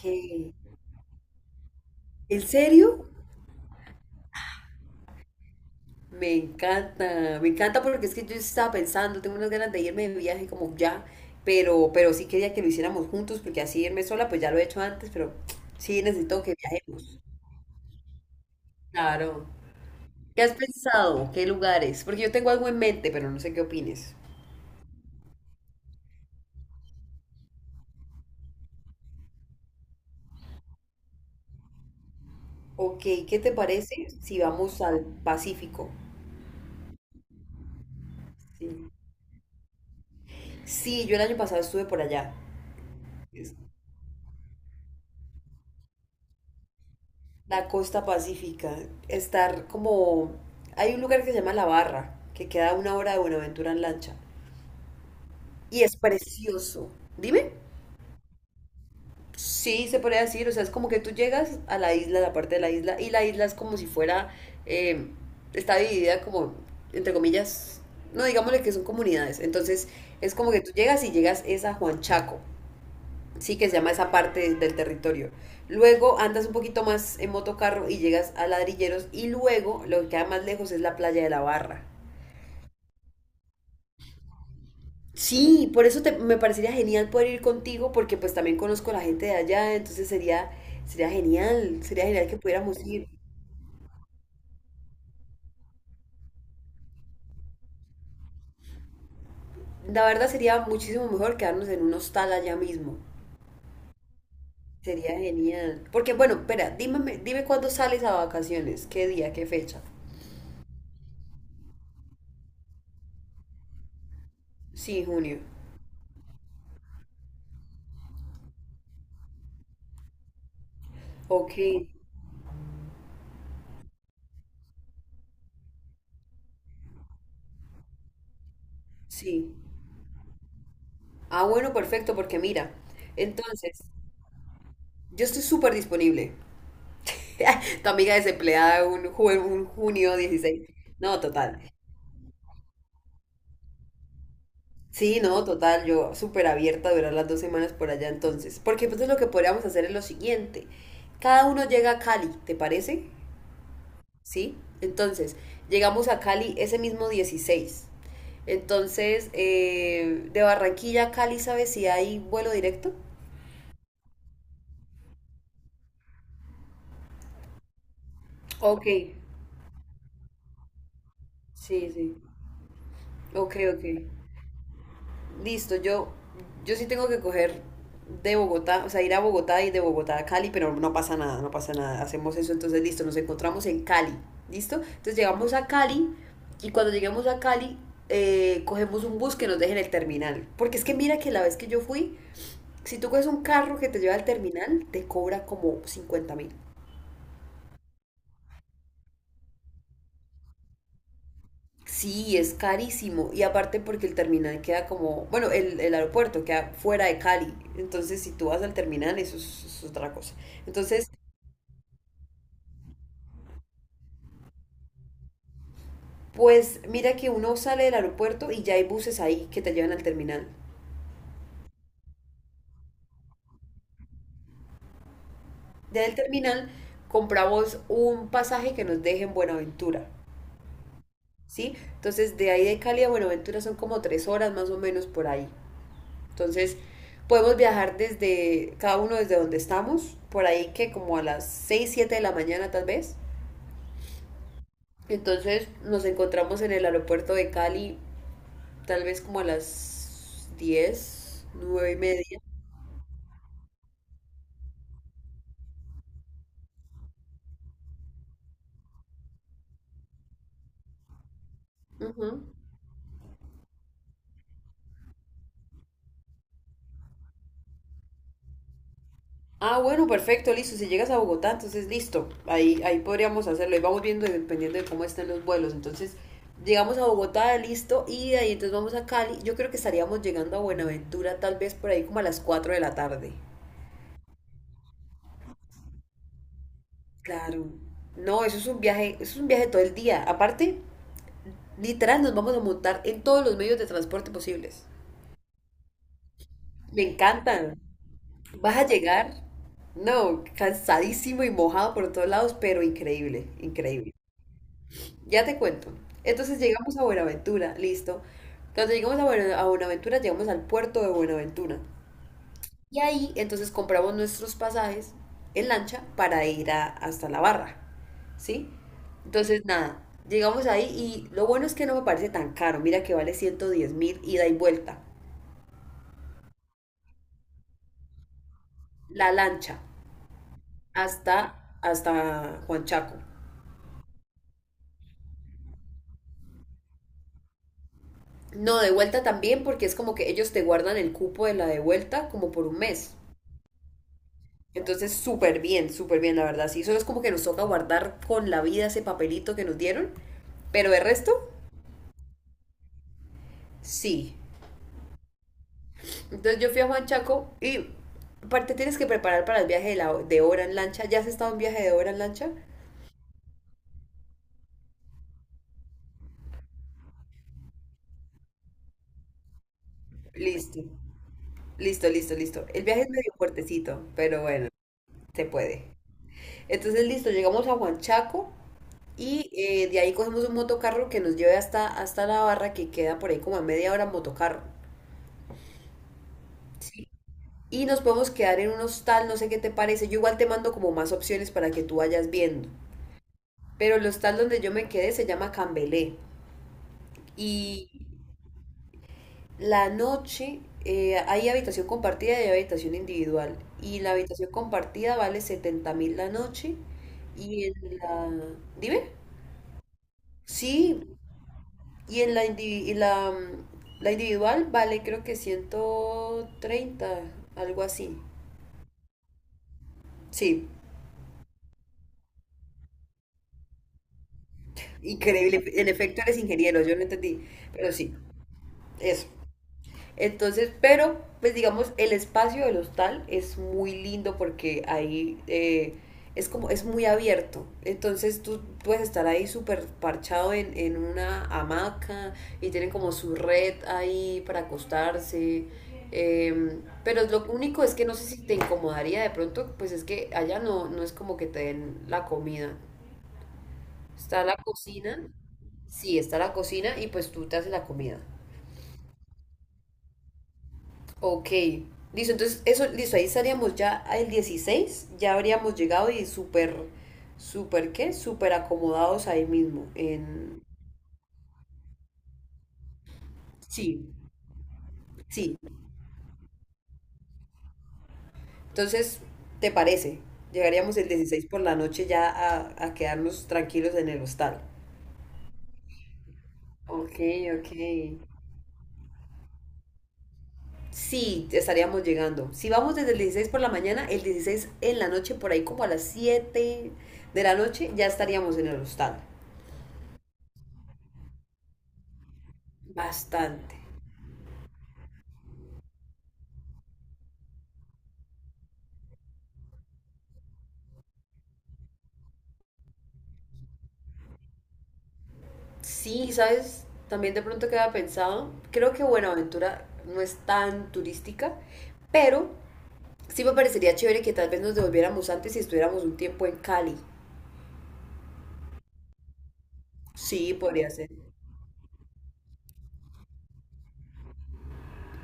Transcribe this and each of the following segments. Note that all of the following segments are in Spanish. ¿Qué? ¿En serio? Me encanta porque es que yo estaba pensando, tengo unas ganas de irme de viaje como ya, pero sí quería que lo hiciéramos juntos porque así irme sola, pues ya lo he hecho antes, pero sí necesito que viajemos. Claro. ¿Qué has pensado? ¿Qué lugares? Porque yo tengo algo en mente, pero no sé qué opines. Ok, ¿qué te parece si vamos al Pacífico? Sí. Sí, yo el año pasado estuve por allá. La costa pacífica, estar como... Hay un lugar que se llama La Barra, que queda a una hora de Buenaventura en lancha. Y es precioso. Dime. Sí, se podría decir, o sea, es como que tú llegas a la isla, a la parte de la isla, y la isla es como si fuera, eh, está dividida como, entre comillas, no digámosle que son comunidades. Entonces es como que tú llegas y llegas es a Juan Chaco, sí, que se llama esa parte del territorio. Luego andas un poquito más en motocarro y llegas a Ladrilleros, y luego lo que queda más lejos es la playa de la Barra. Sí, por eso me parecería genial poder ir contigo, porque pues también conozco a la gente de allá. Entonces sería, sería genial que pudiéramos ir. La verdad, sería muchísimo mejor quedarnos en un hostal allá mismo. Sería genial. Porque bueno, espera, dime cuándo sales a vacaciones, qué día, qué fecha. Sí, junio. Ok, sí. Ah, bueno, perfecto, porque mira, entonces, yo estoy súper disponible. Tu amiga desempleada un junio 16. No, total. Sí, no, total, yo súper abierta a durar las dos semanas por allá entonces. Porque entonces lo que podríamos hacer es lo siguiente. Cada uno llega a Cali, ¿te parece? Sí. Entonces, llegamos a Cali ese mismo 16. Entonces, de Barranquilla a Cali, ¿sabes si hay vuelo directo? Ok, sí, sí. Ok, ok. Listo, yo sí tengo que coger de Bogotá, o sea, ir a Bogotá y de Bogotá a Cali, pero no pasa nada, no pasa nada. Hacemos eso, entonces listo, nos encontramos en Cali, ¿listo? Entonces llegamos a Cali, y cuando lleguemos a Cali cogemos un bus que nos deje en el terminal. Porque es que mira que la vez que yo fui, si tú coges un carro que te lleva al terminal, te cobra como 50.000. Sí, es carísimo. Y aparte porque el terminal queda como, bueno, el aeropuerto queda fuera de Cali. Entonces, si tú vas al terminal, eso es otra cosa. Entonces, pues mira que uno sale del aeropuerto y ya hay buses ahí que te llevan al terminal. Ya del terminal compramos un pasaje que nos deje en Buenaventura, ¿sí? Entonces, de ahí de Cali a Buenaventura son como 3 horas más o menos por ahí. Entonces, podemos viajar desde cada uno desde donde estamos, por ahí que como a las 6 7 de la mañana tal vez. Entonces nos encontramos en el aeropuerto de Cali, tal vez como a las 10 9 y media. Ujú. Ah, bueno, perfecto, listo. Si llegas a Bogotá, entonces listo. Ahí podríamos hacerlo. Y vamos viendo dependiendo de cómo estén los vuelos. Entonces, llegamos a Bogotá, listo. Y de ahí entonces vamos a Cali. Yo creo que estaríamos llegando a Buenaventura tal vez por ahí como a las 4 de la tarde. Claro. No, eso es un viaje, eso es un viaje todo el día. Aparte, literal, nos vamos a montar en todos los medios de transporte posibles. Me encantan. Vas a llegar, no, cansadísimo y mojado por todos lados, pero increíble, increíble. Ya te cuento. Entonces llegamos a Buenaventura, listo. Cuando llegamos a Buenaventura, llegamos al puerto de Buenaventura. Y ahí entonces compramos nuestros pasajes en lancha para ir hasta la barra, ¿sí? Entonces nada, llegamos ahí, y lo bueno es que no me parece tan caro. Mira que vale 110.000 ida y vuelta. La lancha hasta Juanchaco. No, de vuelta también, porque es como que ellos te guardan el cupo de la de vuelta como por un mes. Entonces, súper bien, la verdad. Sí, solo es como que nos toca guardar con la vida ese papelito que nos dieron. Pero de resto, sí. Entonces yo fui a Juanchaco, y aparte tienes que preparar para el viaje de hora en lancha. ¿Ya has estado en viaje de hora en lancha? Listo, listo, listo, listo. El viaje es medio fuertecito, pero bueno, se puede. Entonces, listo, llegamos a Juanchaco. Y de ahí cogemos un motocarro que nos lleve hasta la barra, que queda por ahí como a media hora en motocarro. Sí. Y nos podemos quedar en un hostal, no sé qué te parece. Yo igual te mando como más opciones para que tú vayas viendo. Pero el hostal donde yo me quedé se llama Cambelé. Y la noche hay habitación compartida y hay habitación individual. Y la habitación compartida vale 70.000 la noche. Y en la... Dime. Sí, Y en la, indivi- y la, mm, la individual vale creo que 130, algo así. Sí. Increíble, en efecto eres ingeniero, yo no entendí, pero sí, eso. Entonces, pero, pues digamos, el espacio del hostal es muy lindo, porque ahí es como, es muy abierto. Entonces tú puedes estar ahí súper parchado en una hamaca, y tienen como su red ahí para acostarse. Eh, pero lo único es que no sé si te incomodaría de pronto, pues es que allá no es como que te den la comida. Está la cocina, sí, está la cocina y pues tú te haces la comida. Ok, listo, entonces eso, listo, ahí estaríamos ya el 16, ya habríamos llegado y súper, súper, ¿qué? Súper acomodados ahí mismo, en... Sí, sí, entonces, ¿te parece? Llegaríamos el 16 por la noche ya a quedarnos tranquilos en el hostal. Ok, ok. Sí, estaríamos llegando. Si vamos desde el 16 por la mañana, el 16 en la noche, por ahí como a las 7 de la noche, ya estaríamos en el hostal. Bastante. Sí, ¿sabes? También de pronto queda pensado. Creo que Buenaventura no es tan turística, pero sí me parecería chévere que tal vez nos devolviéramos antes y estuviéramos un tiempo en Cali. Sí, podría ser.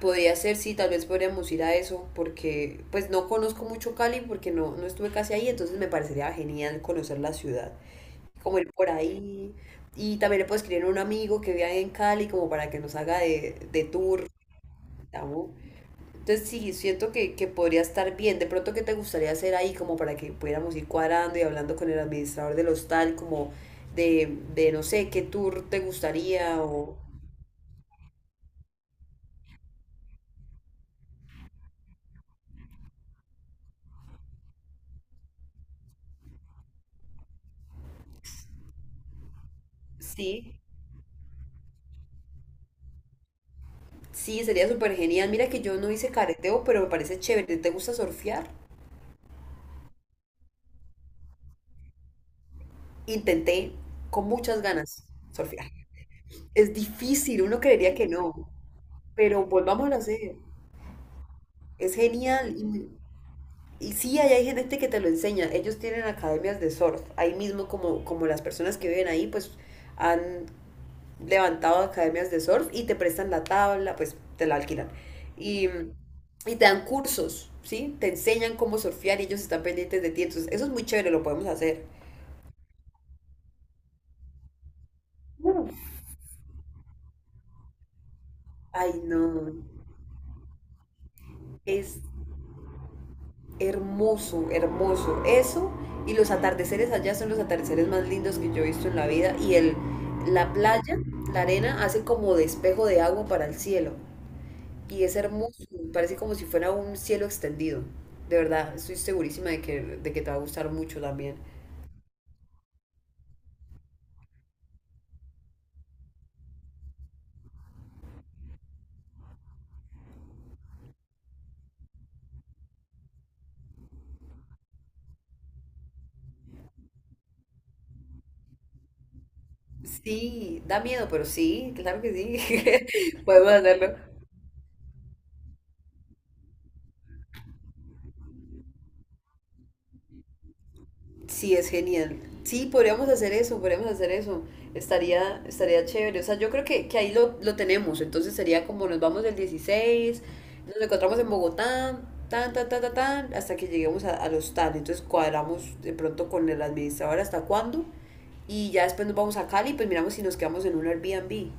Podría ser, sí, tal vez podríamos ir a eso, porque pues no conozco mucho Cali porque no estuve casi ahí. Entonces me parecería genial conocer la ciudad, como ir por ahí. Y también le puedo escribir a un amigo que vive ahí en Cali como para que nos haga de tour. ¿No? Entonces sí, siento que podría estar bien. De pronto, ¿qué te gustaría hacer ahí como para que pudiéramos ir cuadrando y hablando con el administrador del hostal, como de no sé, qué tour te gustaría o... Sí, sí, sería súper genial. Mira que yo no hice careteo, pero me parece chévere. ¿Te gusta surfear? Intenté con muchas ganas surfear. Es difícil, uno creería que no, pero volvamos a hacer. Es genial. Y sí, ahí hay gente que te lo enseña. Ellos tienen academias de surf. Ahí mismo, como las personas que viven ahí, pues han levantado academias de surf, y te prestan la tabla, pues te la alquilan. Y te dan cursos, ¿sí? Te enseñan cómo surfear y ellos están pendientes de ti. Entonces, eso es muy chévere, lo podemos hacer. Ay, no. Es hermoso, hermoso. Eso y los atardeceres allá son los atardeceres más lindos que yo he visto en la vida. Y la playa, la arena, hace como de espejo de agua para el cielo. Y es hermoso, parece como si fuera un cielo extendido. De verdad, estoy segurísima de que te va a gustar mucho también. Sí, da miedo, pero sí, claro que sí. Podemos hacerlo. Sí, es genial. Sí, podríamos hacer eso, podríamos hacer eso. Estaría chévere. O sea, yo creo que ahí lo tenemos. Entonces sería como nos vamos el 16, nos encontramos en Bogotá, tan, tan, tan, tan, tan, hasta que lleguemos al hostal. Entonces cuadramos de pronto con el administrador hasta cuándo. Y ya después nos vamos a Cali, pues miramos si nos quedamos en un Airbnb.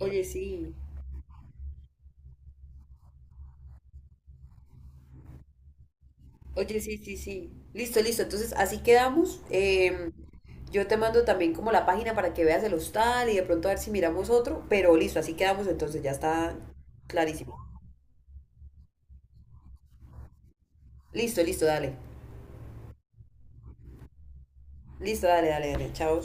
Oye, sí. Oye, sí, sí, sí. Listo, listo. Entonces, así quedamos. Yo te mando también como la página para que veas el hostal y de pronto a ver si miramos otro. Pero listo, así quedamos. Entonces, ya está clarísimo. Listo, listo, dale. Listo, dale, dale, dale. Chao.